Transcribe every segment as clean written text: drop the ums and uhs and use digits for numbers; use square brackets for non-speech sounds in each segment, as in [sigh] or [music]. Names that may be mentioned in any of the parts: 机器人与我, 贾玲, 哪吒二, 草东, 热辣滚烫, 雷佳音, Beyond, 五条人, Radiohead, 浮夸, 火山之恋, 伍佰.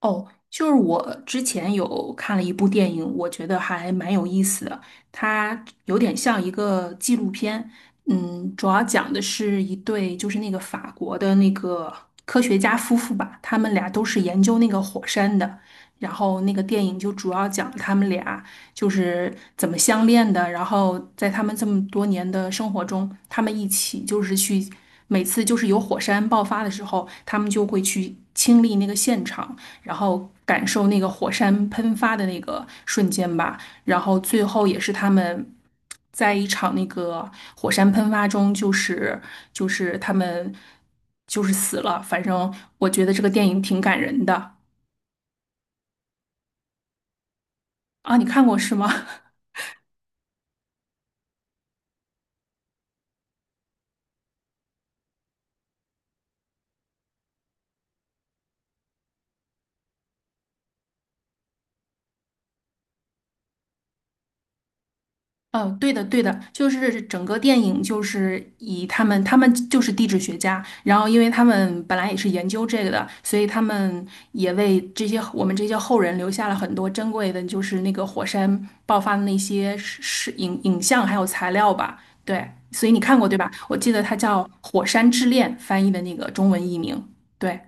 哦，就是我之前有看了一部电影，我觉得还蛮有意思的。它有点像一个纪录片，主要讲的是一对就是法国的科学家夫妇吧，他们俩都是研究那个火山的。然后那个电影就主要讲他们俩。就是怎么相恋的，然后在他们这么多年的生活中，他们一起就是去，每次就是有火山爆发的时候，他们就会去亲历那个现场，然后感受那个火山喷发的那个瞬间吧，然后最后也是他们。在一场那个火山喷发中，就是他们就是死了。反正我觉得这个电影挺感人的。啊，你看过是吗？[laughs] 哦，对的，对的，就是整个电影就是以他们，他们就是地质学家，然后因为他们本来也是研究这个的，所以他们也为这些我们这些后人留下了很多珍贵的，就是那个火山爆发的那些是影像还有材料吧。对，所以你看过对吧？我记得它叫《火山之恋》，翻译的那个中文译名。对。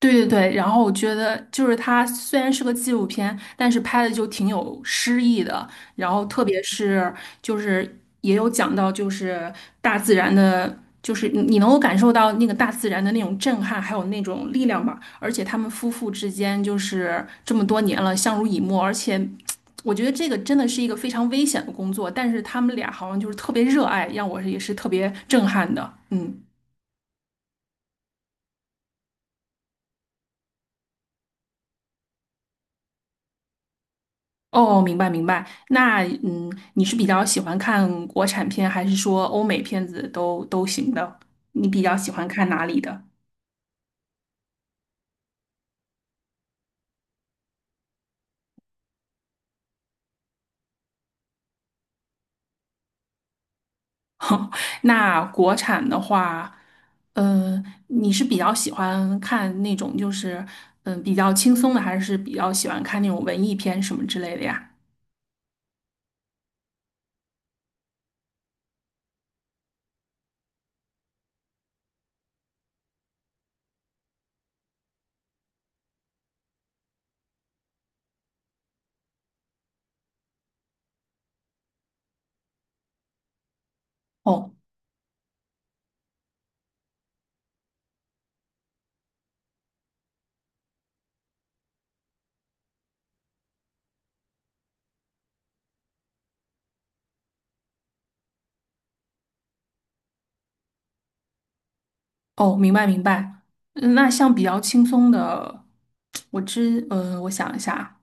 对对对，然后我觉得就是它虽然是个纪录片，但是拍的就挺有诗意的，然后特别是就是也有讲到就是大自然的，就是你能够感受到那个大自然的那种震撼，还有那种力量吧。而且他们夫妇之间就是这么多年了相濡以沫，而且我觉得这个真的是一个非常危险的工作，但是他们俩好像就是特别热爱，让我也是特别震撼的。嗯。哦，明白明白。那你是比较喜欢看国产片，还是说欧美片子都行的？你比较喜欢看哪里的？[laughs] 那国产的话，你是比较喜欢看那种就是比较轻松的，还是比较喜欢看那种文艺片什么之类的呀？哦。哦，明白明白。嗯那像比较轻松的，我知嗯、呃我想一下。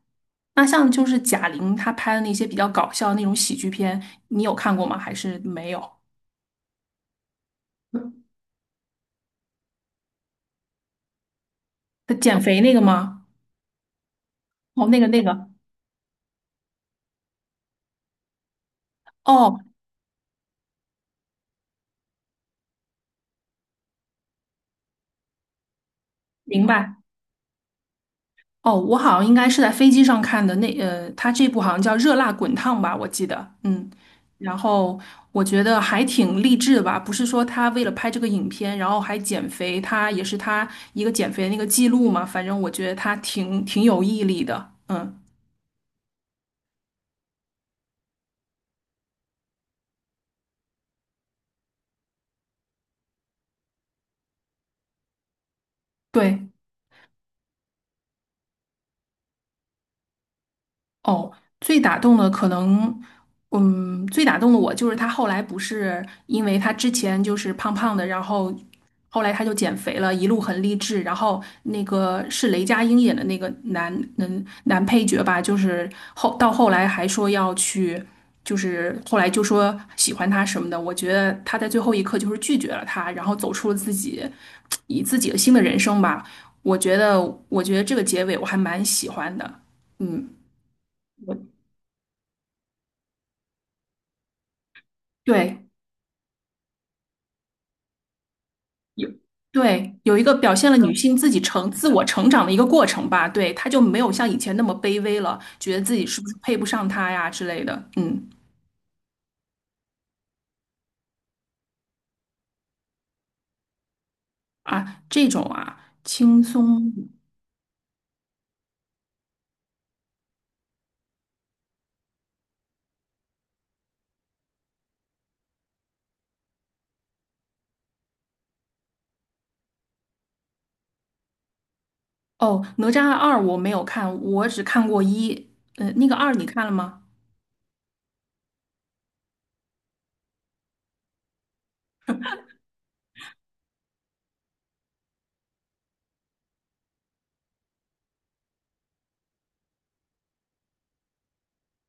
那像就是贾玲她拍的那些比较搞笑的那种喜剧片，你有看过吗？还是没有？她减肥那个吗？哦，那个那个，哦，明白。哦，我好像应该是在飞机上看的她这部好像叫《热辣滚烫》吧，我记得。嗯，然后我觉得还挺励志的吧，不是说她为了拍这个影片，然后还减肥，她也是她一个减肥的那个记录嘛。反正我觉得她挺有毅力的。嗯，对。哦，最打动的可能，最打动的我就是他后来不是因为他之前就是胖胖的，然后后来他就减肥了，一路很励志。然后那个是雷佳音演的那个男配角吧，就是后到后来还说要去，就是后来就说喜欢他什么的。我觉得他在最后一刻就是拒绝了他，然后走出了自己以自己的新的人生吧。我觉得，我觉得这个结尾我还蛮喜欢的。嗯。我。对，有对有一个表现了女性自己自我成长的一个过程吧，对，她就没有像以前那么卑微了，觉得自己是不是配不上他呀之类的，嗯。啊，这种啊轻松。哦，《哪吒二》我没有看，我只看过一，那个二你看了吗？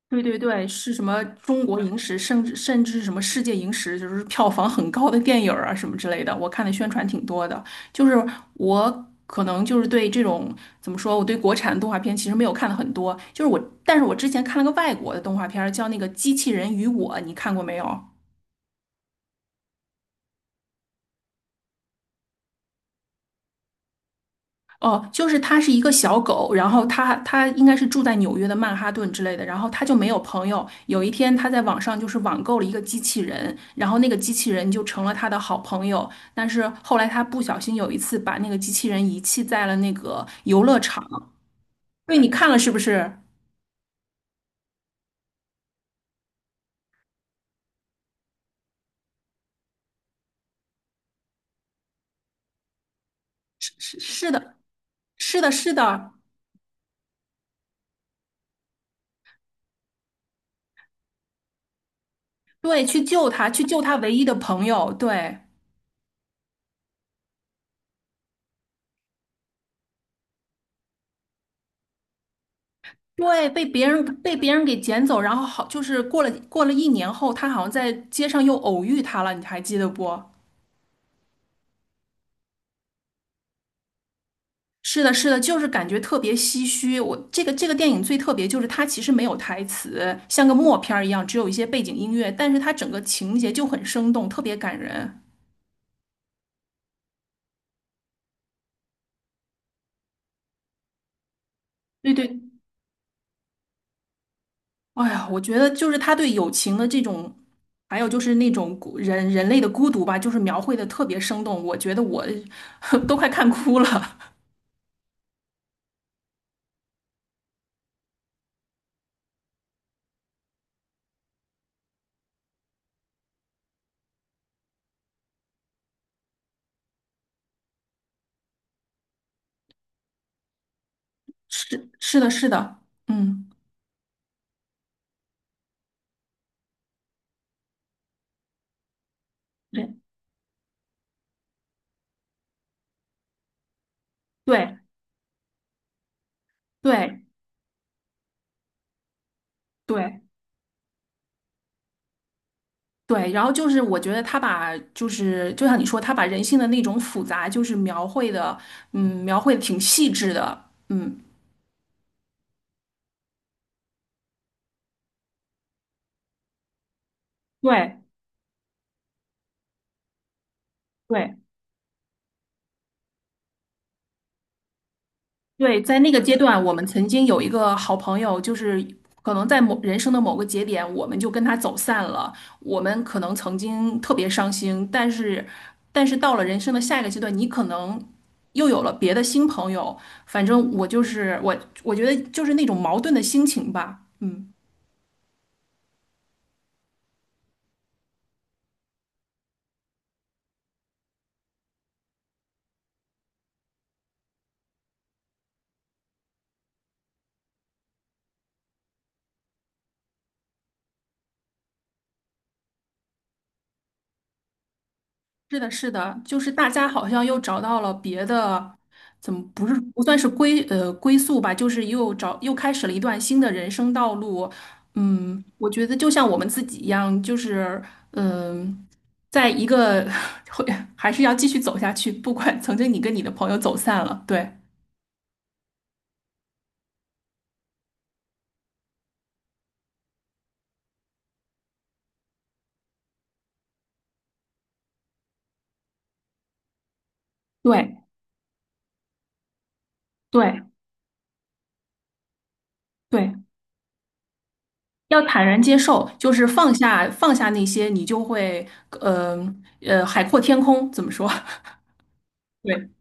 对对对，是什么中国影史，甚至什么世界影史，就是票房很高的电影儿啊什么之类的，我看的宣传挺多的。就是我可能就是对这种怎么说，我对国产动画片其实没有看的很多，就是我，但是我之前看了个外国的动画片儿叫那个《机器人与我》，你看过没有？哦，就是它是一个小狗，然后它应该是住在纽约的曼哈顿之类的，然后它就没有朋友。有一天，它在网上就是网购了一个机器人，然后那个机器人就成了它的好朋友。但是后来它不小心有一次把那个机器人遗弃在了那个游乐场。对，你看了是不是？是的，是的，是的，对，去救它，去救它唯一的朋友，对。对，被别人给捡走，然后好，就是过了一年后，他好像在街上又偶遇他了，你还记得不？是的，是的，就是感觉特别唏嘘。我这个电影最特别就是它其实没有台词，像个默片儿一样，只有一些背景音乐，但是它整个情节就很生动，特别感人。对对，哎呀，我觉得就是他对友情的这种，还有就是那种人类的孤独吧，就是描绘的特别生动，我觉得我 [laughs] 都快看哭了。是是的，是的，嗯，对对对对对，然后就是我觉得他把就是就像你说，他把人性的那种复杂，就是描绘的，嗯，描绘的挺细致的，嗯，对对。对，在那个阶段，我们曾经有一个好朋友，就是可能在某人生的某个节点，我们就跟他走散了。我们可能曾经特别伤心，但是，但是到了人生的下一个阶段，你可能又有了别的新朋友。反正我觉得就是那种矛盾的心情吧。嗯。是的，是的，就是大家好像又找到了别的，怎么不是不算是归呃归宿吧，就是又开始了一段新的人生道路。嗯，我觉得就像我们自己一样，就是嗯、在一个 [laughs] 会还是要继续走下去，不管曾经你跟你的朋友走散了，对对对对，要坦然接受，就是放下那些，你就会呃海阔天空，怎么说？[laughs] 对。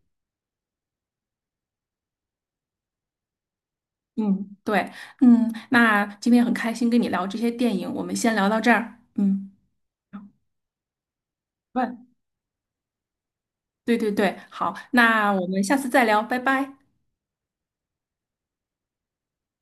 嗯，对，嗯，那今天很开心跟你聊这些电影，我们先聊到这儿。嗯，好，问对对对，好，那我们下次再聊，拜拜。